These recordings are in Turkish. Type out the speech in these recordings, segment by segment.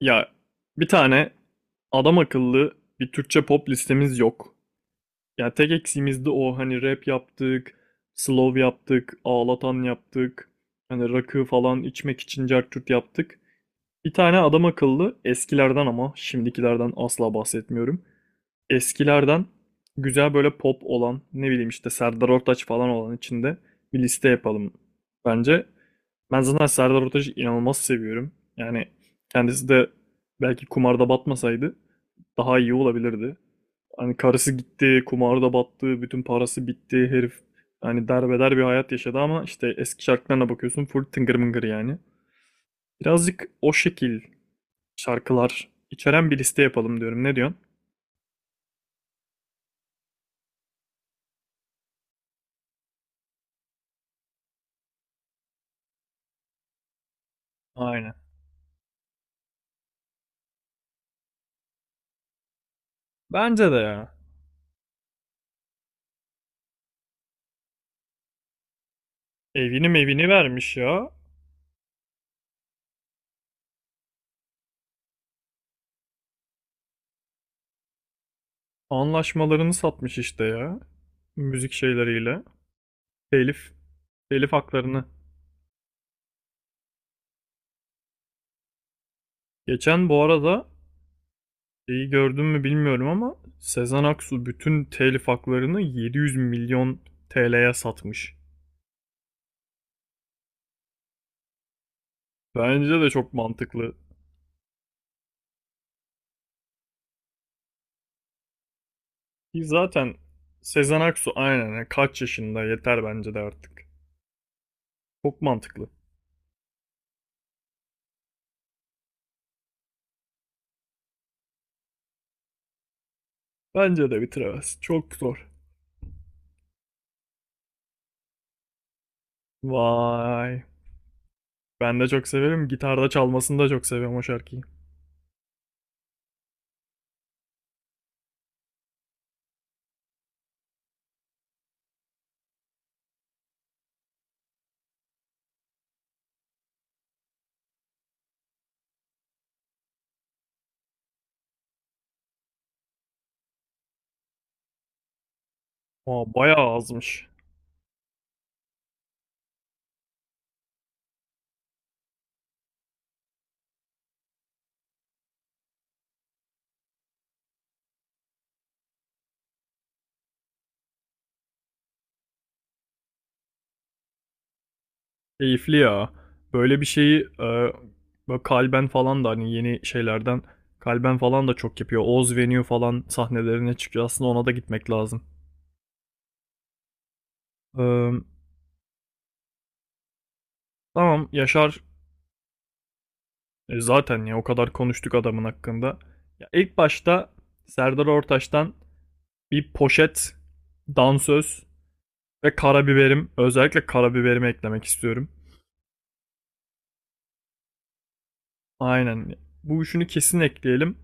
Ya bir tane adam akıllı bir Türkçe pop listemiz yok. Ya tek eksiğimiz de o hani rap yaptık, slow yaptık, ağlatan yaptık. Hani rakı falan içmek için cart curt yaptık. Bir tane adam akıllı eskilerden ama şimdikilerden asla bahsetmiyorum eskilerden güzel böyle pop olan ne bileyim işte Serdar Ortaç falan olan içinde bir liste yapalım bence. Ben zaten Serdar Ortaç'ı inanılmaz seviyorum. Yani kendisi de belki kumarda batmasaydı daha iyi olabilirdi. Hani karısı gitti, kumarda battı, bütün parası bitti, herif hani derbeder bir hayat yaşadı ama işte eski şarkılarına bakıyorsun full tıngır mıngır yani. Birazcık o şekil şarkılar içeren bir liste yapalım diyorum. Ne diyorsun? Aynen. Bence de ya. Evini mevini vermiş ya. Anlaşmalarını satmış işte ya. Müzik şeyleriyle. Telif, telif haklarını. Geçen bu arada şeyi gördün mü bilmiyorum ama Sezen Aksu bütün telif haklarını 700 milyon TL'ye satmış. Bence de çok mantıklı. Ki zaten Sezen Aksu aynen ya, kaç yaşında yeter bence de artık. Çok mantıklı. Bence de bitiremez. Çok zor. Vay. Ben de çok severim. Gitarda çalmasını da çok seviyorum o şarkıyı. Aa, bayağı azmış. Keyifli ya. Böyle bir şeyi böyle kalben falan da hani yeni şeylerden kalben falan da çok yapıyor. Oz Venue falan sahnelerine çıkıyor. Aslında ona da gitmek lazım. Ee, tamam Yaşar zaten ya o kadar konuştuk adamın hakkında. Ya ilk başta Serdar Ortaç'tan bir poşet, dansöz ve karabiberim. Özellikle karabiberimi eklemek istiyorum. Aynen. Bu üçünü kesin ekleyelim.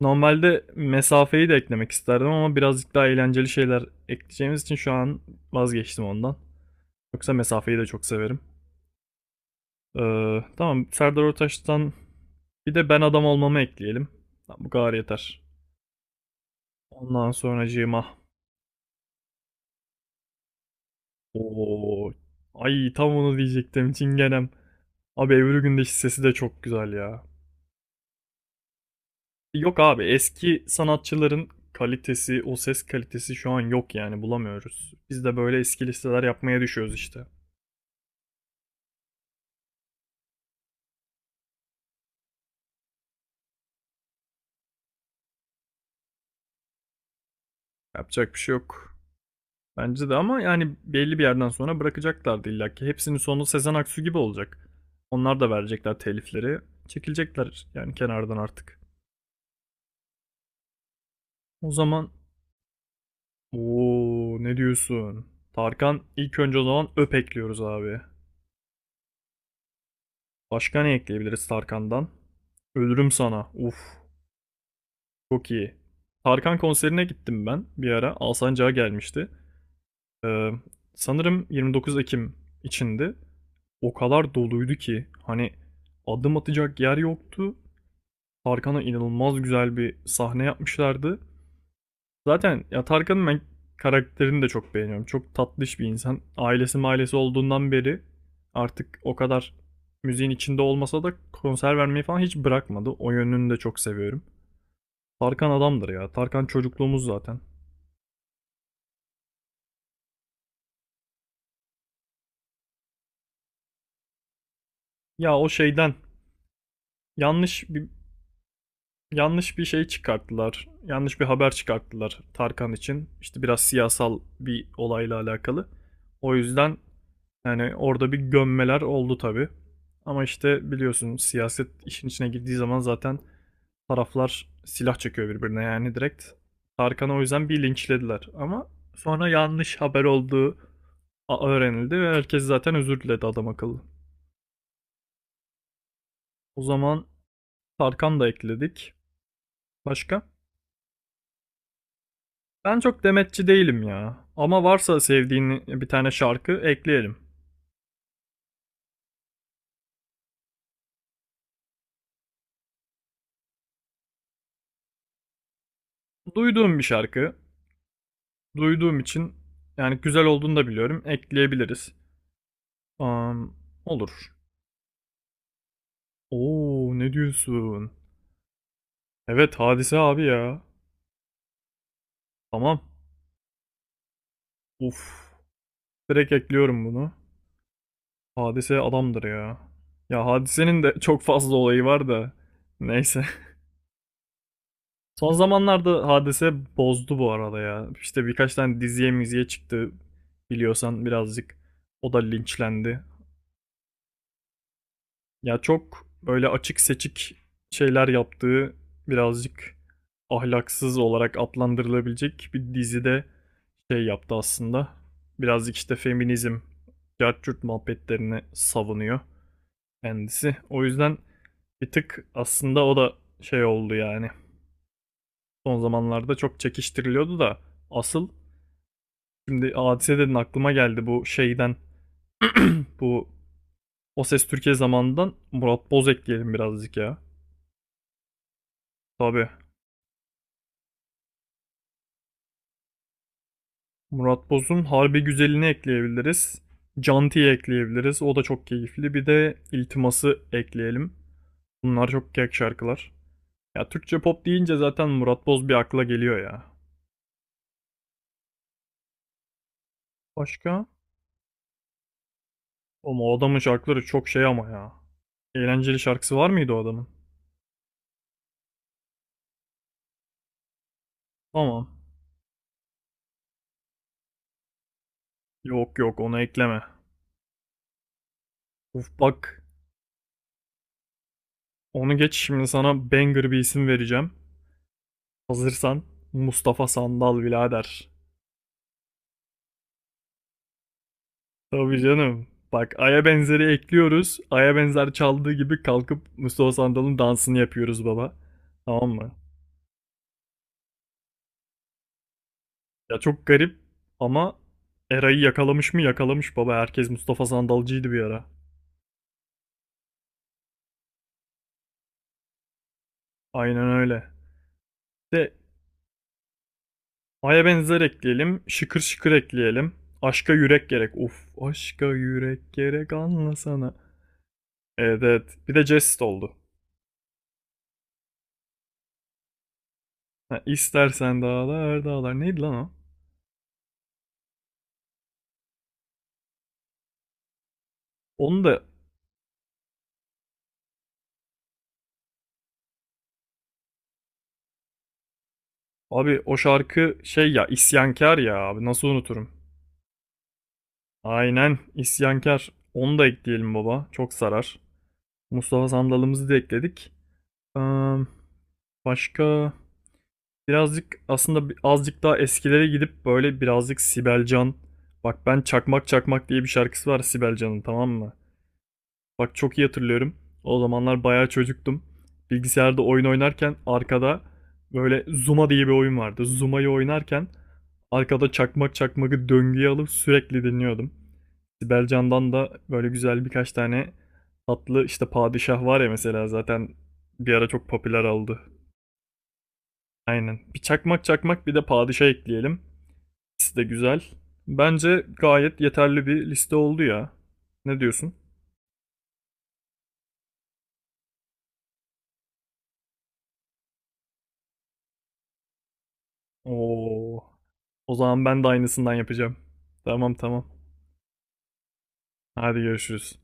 Normalde mesafeyi de eklemek isterdim ama birazcık daha eğlenceli şeyler ekleyeceğimiz için şu an vazgeçtim ondan. Yoksa mesafeyi de çok severim. Tamam Serdar Ortaç'tan bir de ben adam olmamı ekleyelim. Tamam, bu kadar yeter. Ondan sonracığıma. Oo, ay tam onu diyecektim Çingenem. Abi Ebru Gündeş'in sesi de çok güzel ya. Yok abi eski sanatçıların kalitesi, o ses kalitesi şu an yok yani bulamıyoruz. Biz de böyle eski listeler yapmaya düşüyoruz işte. Yapacak bir şey yok. Bence de ama yani belli bir yerden sonra bırakacaklardı illa ki. Hepsinin sonu Sezen Aksu gibi olacak. Onlar da verecekler telifleri. Çekilecekler yani kenardan artık. O zaman ooo ne diyorsun? Tarkan ilk önce o zaman öp ekliyoruz abi. Başka ne ekleyebiliriz Tarkan'dan? Ölürüm sana. Uf çok iyi. Tarkan konserine gittim ben bir ara. Alsancak'a gelmişti. Ee, Sanırım 29 Ekim içindi. O kadar doluydu ki hani adım atacak yer yoktu. Tarkan'a inanılmaz güzel bir sahne yapmışlardı. Zaten ya Tarkan'ın ben karakterini de çok beğeniyorum. Çok tatlış bir insan. Ailesi mailesi olduğundan beri artık o kadar müziğin içinde olmasa da konser vermeyi falan hiç bırakmadı. O yönünü de çok seviyorum. Tarkan adamdır ya. Tarkan çocukluğumuz zaten. Ya o şeyden yanlış bir yanlış bir şey çıkarttılar. Yanlış bir haber çıkarttılar Tarkan için. İşte biraz siyasal bir olayla alakalı. O yüzden yani orada bir gömmeler oldu tabii. Ama işte biliyorsun siyaset işin içine girdiği zaman zaten taraflar silah çekiyor birbirine yani direkt. Tarkan'ı o yüzden bir linçlediler. Ama sonra yanlış haber olduğu öğrenildi ve herkes zaten özür diledi adam akıllı. O zaman Tarkan da ekledik. Başka? Ben çok demetçi değilim ya. Ama varsa sevdiğin bir tane şarkı ekleyelim. Duyduğum bir şarkı. Duyduğum için yani güzel olduğunu da biliyorum. Ekleyebiliriz. Am, olur. Oo ne diyorsun? Evet Hadise abi ya. Tamam. Uf. Direkt ekliyorum bunu. Hadise adamdır ya. Ya Hadise'nin de çok fazla olayı var da. Neyse. Son zamanlarda Hadise bozdu bu arada ya. İşte birkaç tane diziye miziye çıktı biliyorsan birazcık. O da linçlendi. Ya çok böyle açık seçik şeyler yaptığı birazcık ahlaksız olarak adlandırılabilecek bir dizide şey yaptı aslında. Birazcık işte feminizm, cartçurt muhabbetlerini savunuyor kendisi. O yüzden bir tık aslında o da şey oldu yani. Son zamanlarda çok çekiştiriliyordu da asıl Şimdi hadise dedin aklıma geldi bu şeyden bu O Ses Türkiye zamanından Murat Boz ekleyelim birazcık ya. Tabii. Murat Boz'un Harbi Güzeli'ni ekleyebiliriz. Canti'yi ekleyebiliriz. O da çok keyifli. Bir de İltimas'ı ekleyelim. Bunlar çok kek şarkılar. Ya Türkçe pop deyince zaten Murat Boz bir akla geliyor ya. Başka? Ama o adamın şarkıları çok şey ama ya. Eğlenceli şarkısı var mıydı o adamın? Tamam. Yok yok onu ekleme. Uf bak onu geç şimdi sana banger bir isim vereceğim. Hazırsan Mustafa Sandal birader. Tabii canım. Bak Ay'a benzeri ekliyoruz. Ay'a benzer çaldığı gibi kalkıp Mustafa Sandal'ın dansını yapıyoruz baba. Tamam mı? Ya çok garip ama Eray'ı yakalamış mı yakalamış baba. Herkes Mustafa Sandalcıydı bir ara. Aynen öyle. De Ay'a benzer ekleyelim. Şıkır şıkır ekleyelim. Aşka yürek gerek. Uf aşka yürek gerek anlasana. Evet evet. Bir de jest oldu. Ha, İstersen dağlar dağlar. Neydi lan o? Onu da abi o şarkı şey ya isyankar ya abi nasıl unuturum. Aynen isyankar. Onu da ekleyelim baba. Çok sarar. Mustafa Sandal'ımızı da ekledik. Ee, başka birazcık aslında azıcık daha eskilere gidip böyle birazcık Sibel Can. Bak ben Çakmak Çakmak diye bir şarkısı var Sibel Can'ın tamam mı? Bak çok iyi hatırlıyorum. O zamanlar bayağı çocuktum. Bilgisayarda oyun oynarken arkada böyle Zuma diye bir oyun vardı. Zuma'yı oynarken arkada çakmak çakmakı döngüye alıp sürekli dinliyordum. Sibel Can'dan da böyle güzel birkaç tane tatlı işte padişah var ya mesela zaten bir ara çok popüler oldu. Aynen. Bir çakmak çakmak bir de padişah ekleyelim. İkisi de güzel. Bence gayet yeterli bir liste oldu ya. Ne diyorsun? Oo. O zaman ben de aynısından yapacağım. Tamam tamam. Hadi görüşürüz.